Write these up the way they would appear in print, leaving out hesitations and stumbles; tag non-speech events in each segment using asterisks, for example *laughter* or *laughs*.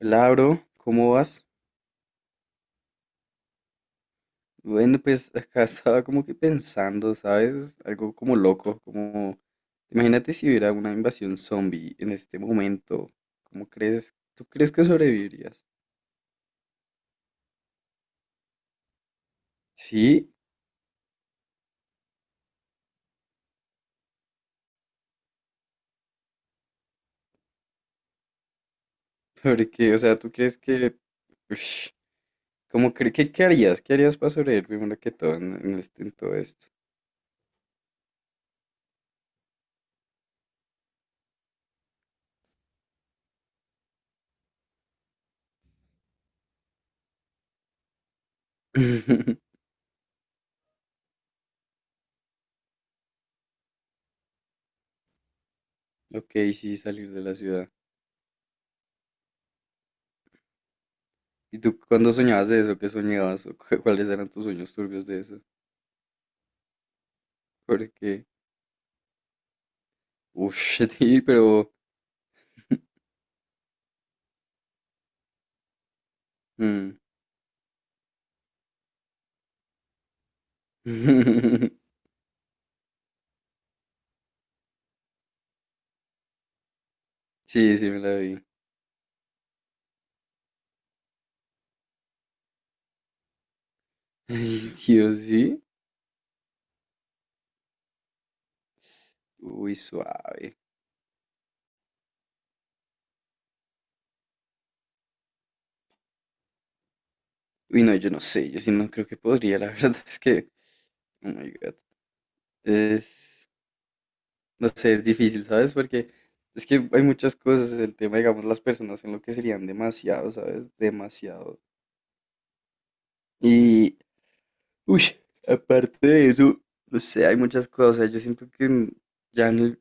Labro, ¿cómo vas? Bueno, pues *laughs* acá estaba como que pensando, ¿sabes? Algo como loco, como... Imagínate si hubiera una invasión zombie en este momento. ¿Cómo crees? ¿Tú crees que sobrevivirías? Sí, porque, o sea, ¿tú crees que... Ush, ¿cómo crees que qué harías? ¿Qué harías para sobrevivir primero que todo en este, en todo esto? *laughs* Ok, sí, salir de la ciudad. ¿Y tú cuándo soñabas de eso? ¿Qué soñabas? ¿O cuáles eran tus sueños turbios de eso? Porque... uff, *laughs* sí, pero... Mm. *laughs* Sí, sí me la vi. *laughs* Ay, Dios, sí. Uy, suave. Uy, no, yo no sé, yo sí no creo que podría, la *laughs* verdad es que, oh my God. Es, no sé, es difícil, ¿sabes? Porque es que hay muchas cosas, el tema, digamos, las personas en lo que serían demasiado, ¿sabes? Demasiado. Y, uy, aparte de eso, no sé, hay muchas cosas, yo siento que ya en el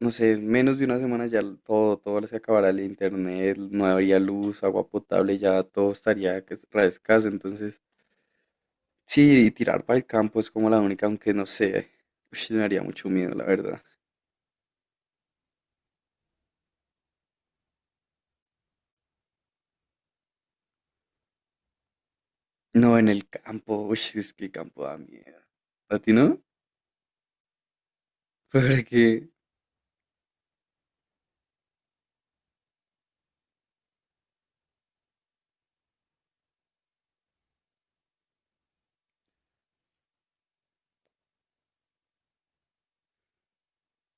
no sé, menos de una semana ya todo, todo se acabará el internet, no habría luz, agua potable, ya todo estaría que es re escaso. Entonces, sí, y tirar para el campo es como la única, aunque no sé, ush, me haría mucho miedo, la verdad. No, en el campo, uy, es que el campo da miedo. ¿A ti no? *laughs* Porque,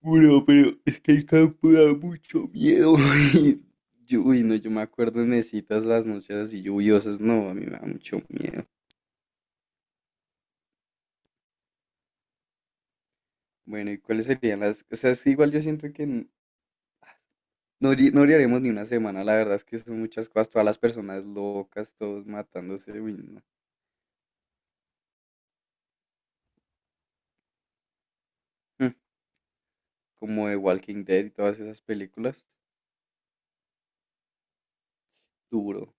bueno, pero es que el campo da mucho miedo. *laughs* Y yo, uy, no, yo me acuerdo en citas las noches así lluviosas, no, a mí me da mucho miedo. Bueno, ¿y cuáles serían las? O sea, es que igual yo siento que no, no llegaremos ni una semana, la verdad es que son muchas cosas, todas las personas locas, todos matándose, uy, no. Mm, como de Walking Dead y todas esas películas, duro.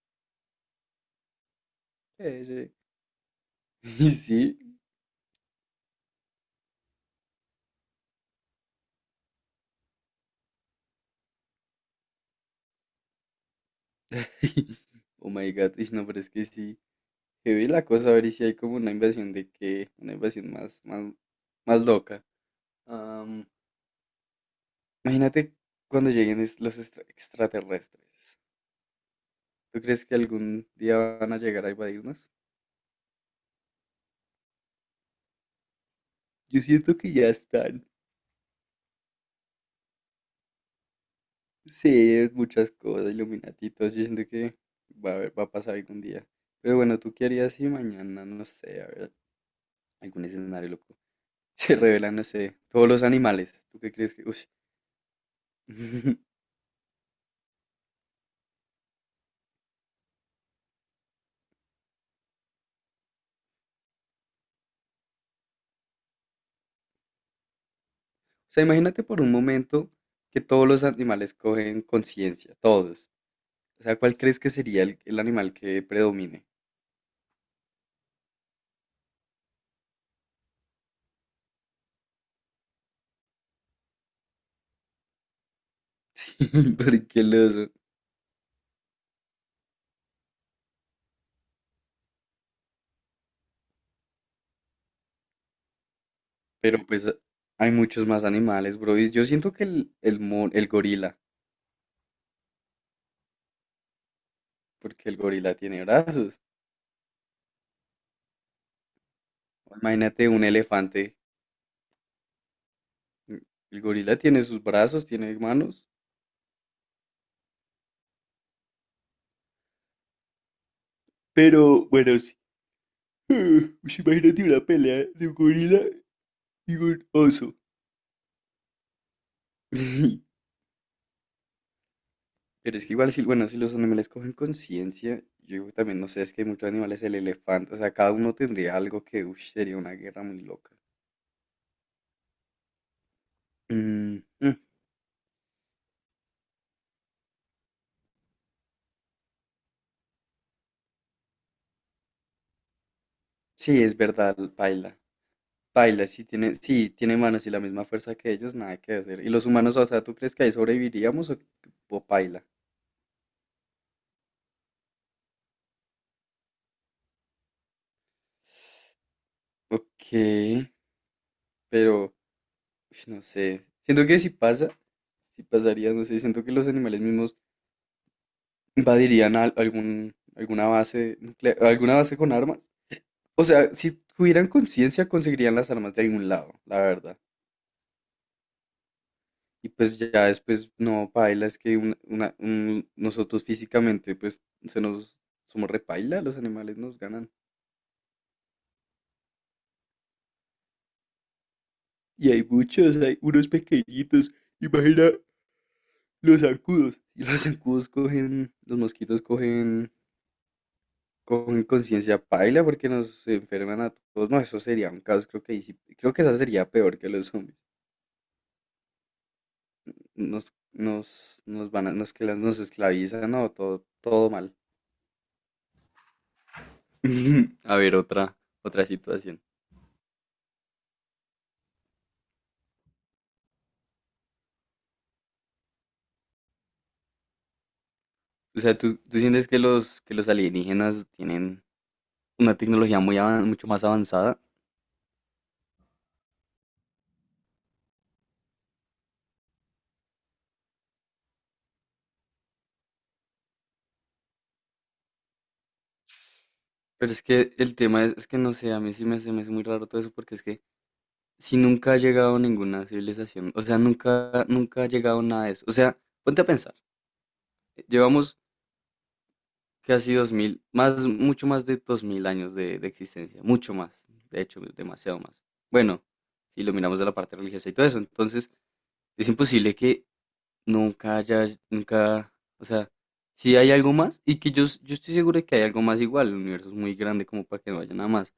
Sí, sí. *laughs* Y sí, *laughs* oh my god, y no, pero es que sí, que vi la cosa, a ver y si hay como una invasión de que, una invasión más, más, más loca. Am, imagínate cuando lleguen extraterrestres. ¿Tú crees que algún día van a llegar a invadirnos? Yo siento que ya están. Sí, es muchas cosas, iluminatitos, yo siento que va a pasar algún día. Pero bueno, ¿tú qué harías si mañana, no sé, a ver, algún escenario loco? *laughs* Se revelan, no sé, todos los animales. ¿Tú qué crees que...? Ush? *laughs* O sea, imagínate por un momento que todos los animales cogen conciencia, todos. O sea, ¿cuál crees que sería el animal que predomine? *laughs* Porque los... Pero pues hay muchos más animales, bro. Y yo siento que el gorila, porque el gorila tiene brazos. Imagínate un elefante. El gorila tiene sus brazos, tiene manos. Pero bueno, sí. *laughs* Ush, imagínate una pelea de un gorila y un oso. *laughs* Pero es que igual, si, bueno, si los animales cogen conciencia, yo digo también, no sé, es que hay muchos animales, el elefante, o sea, cada uno tendría algo que, uff, sería una guerra muy loca. Mm, mm, sí, es verdad, paila. Paila, sí, tiene manos y la misma fuerza que ellos, nada que hacer. ¿Y los humanos, o sea, tú crees que ahí sobreviviríamos o paila? Ok. Pero, ush, no sé. Siento que si pasa, si pasaría, no sé, siento que los animales mismos invadirían algún, alguna base nuclear, alguna base con armas. O sea, si tuvieran conciencia, conseguirían las armas de algún lado, la verdad. Y pues ya después, no, paila, es que nosotros físicamente, pues, se nos, somos repaila, los animales nos ganan. Y hay muchos, hay unos pequeñitos. Imagina los zancudos. Y los zancudos cogen, los mosquitos cogen conciencia paila porque nos enferman a todos. No, eso sería un caos, creo que creo que esa sería peor que los zombies. Nos, nos, nos van a, nos, que nos esclavizan, no, todo, todo mal. *laughs* A ver, otra, otra situación. O sea, ¿tú sientes que los alienígenas tienen una tecnología muy mucho más avanzada? Pero es que el tema es que no sé, a mí sí me, se me hace muy raro todo eso porque es que si nunca ha llegado ninguna civilización, o sea, nunca, nunca ha llegado nada de eso. O sea, ponte a pensar, llevamos casi 2.000, más, mucho más de 2.000 años de existencia, mucho más, de hecho, demasiado más. Bueno, si lo miramos de la parte religiosa y todo eso, entonces es imposible que nunca haya, nunca, o sea, si hay algo más, y que yo estoy seguro de que hay algo más igual, el universo es muy grande como para que no haya nada más,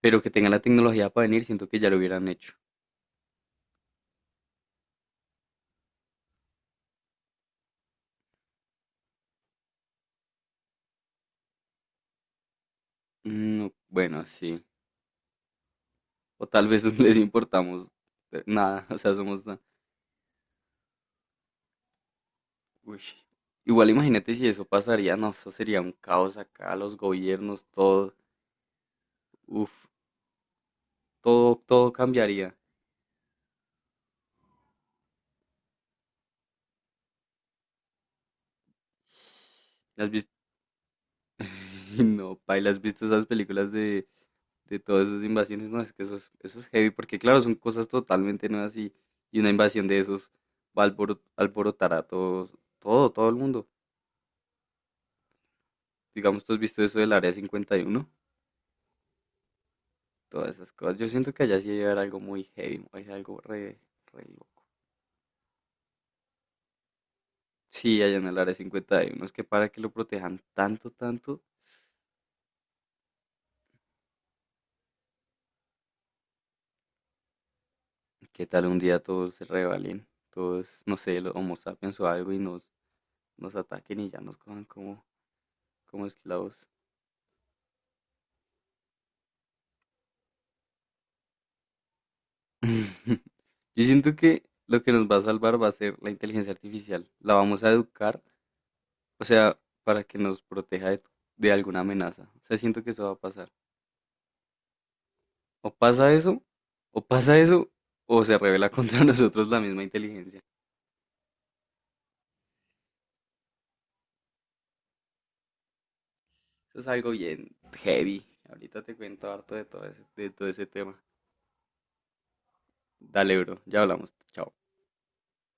pero que tengan la tecnología para venir, siento que ya lo hubieran hecho. Mm, no, bueno, sí, o tal vez *laughs* no les importamos nada, o sea, somos, uy, igual imagínate si eso pasaría, no, eso sería un caos acá, los gobiernos, todo, uff, todo, todo cambiaría. ¿Las vis- *laughs* No, paila, ¿has visto esas películas de todas esas invasiones? No, es que eso es heavy, porque claro, son cosas totalmente nuevas y una invasión de esos va a alborotar a todos, todo, todo el mundo. Digamos, ¿tú has visto eso del Área 51? Todas esas cosas. Yo siento que allá sí debe haber algo muy heavy, hay algo re, re loco. Sí, allá en el área 50 hay unos que para que lo protejan tanto, tanto, que tal un día todos se rebelen, todos, no sé, los Homo sapiens o algo y nos, nos ataquen y ya nos cojan como, como esclavos. *laughs* Yo siento que lo que nos va a salvar va a ser la inteligencia artificial. La vamos a educar, o sea, para que nos proteja de alguna amenaza. O sea, siento que eso va a pasar. O pasa eso, o pasa eso, o se revela contra *laughs* nosotros la misma inteligencia. Eso es algo bien heavy. Ahorita te cuento harto de todo ese tema. Dale, bro. Ya hablamos. Chao.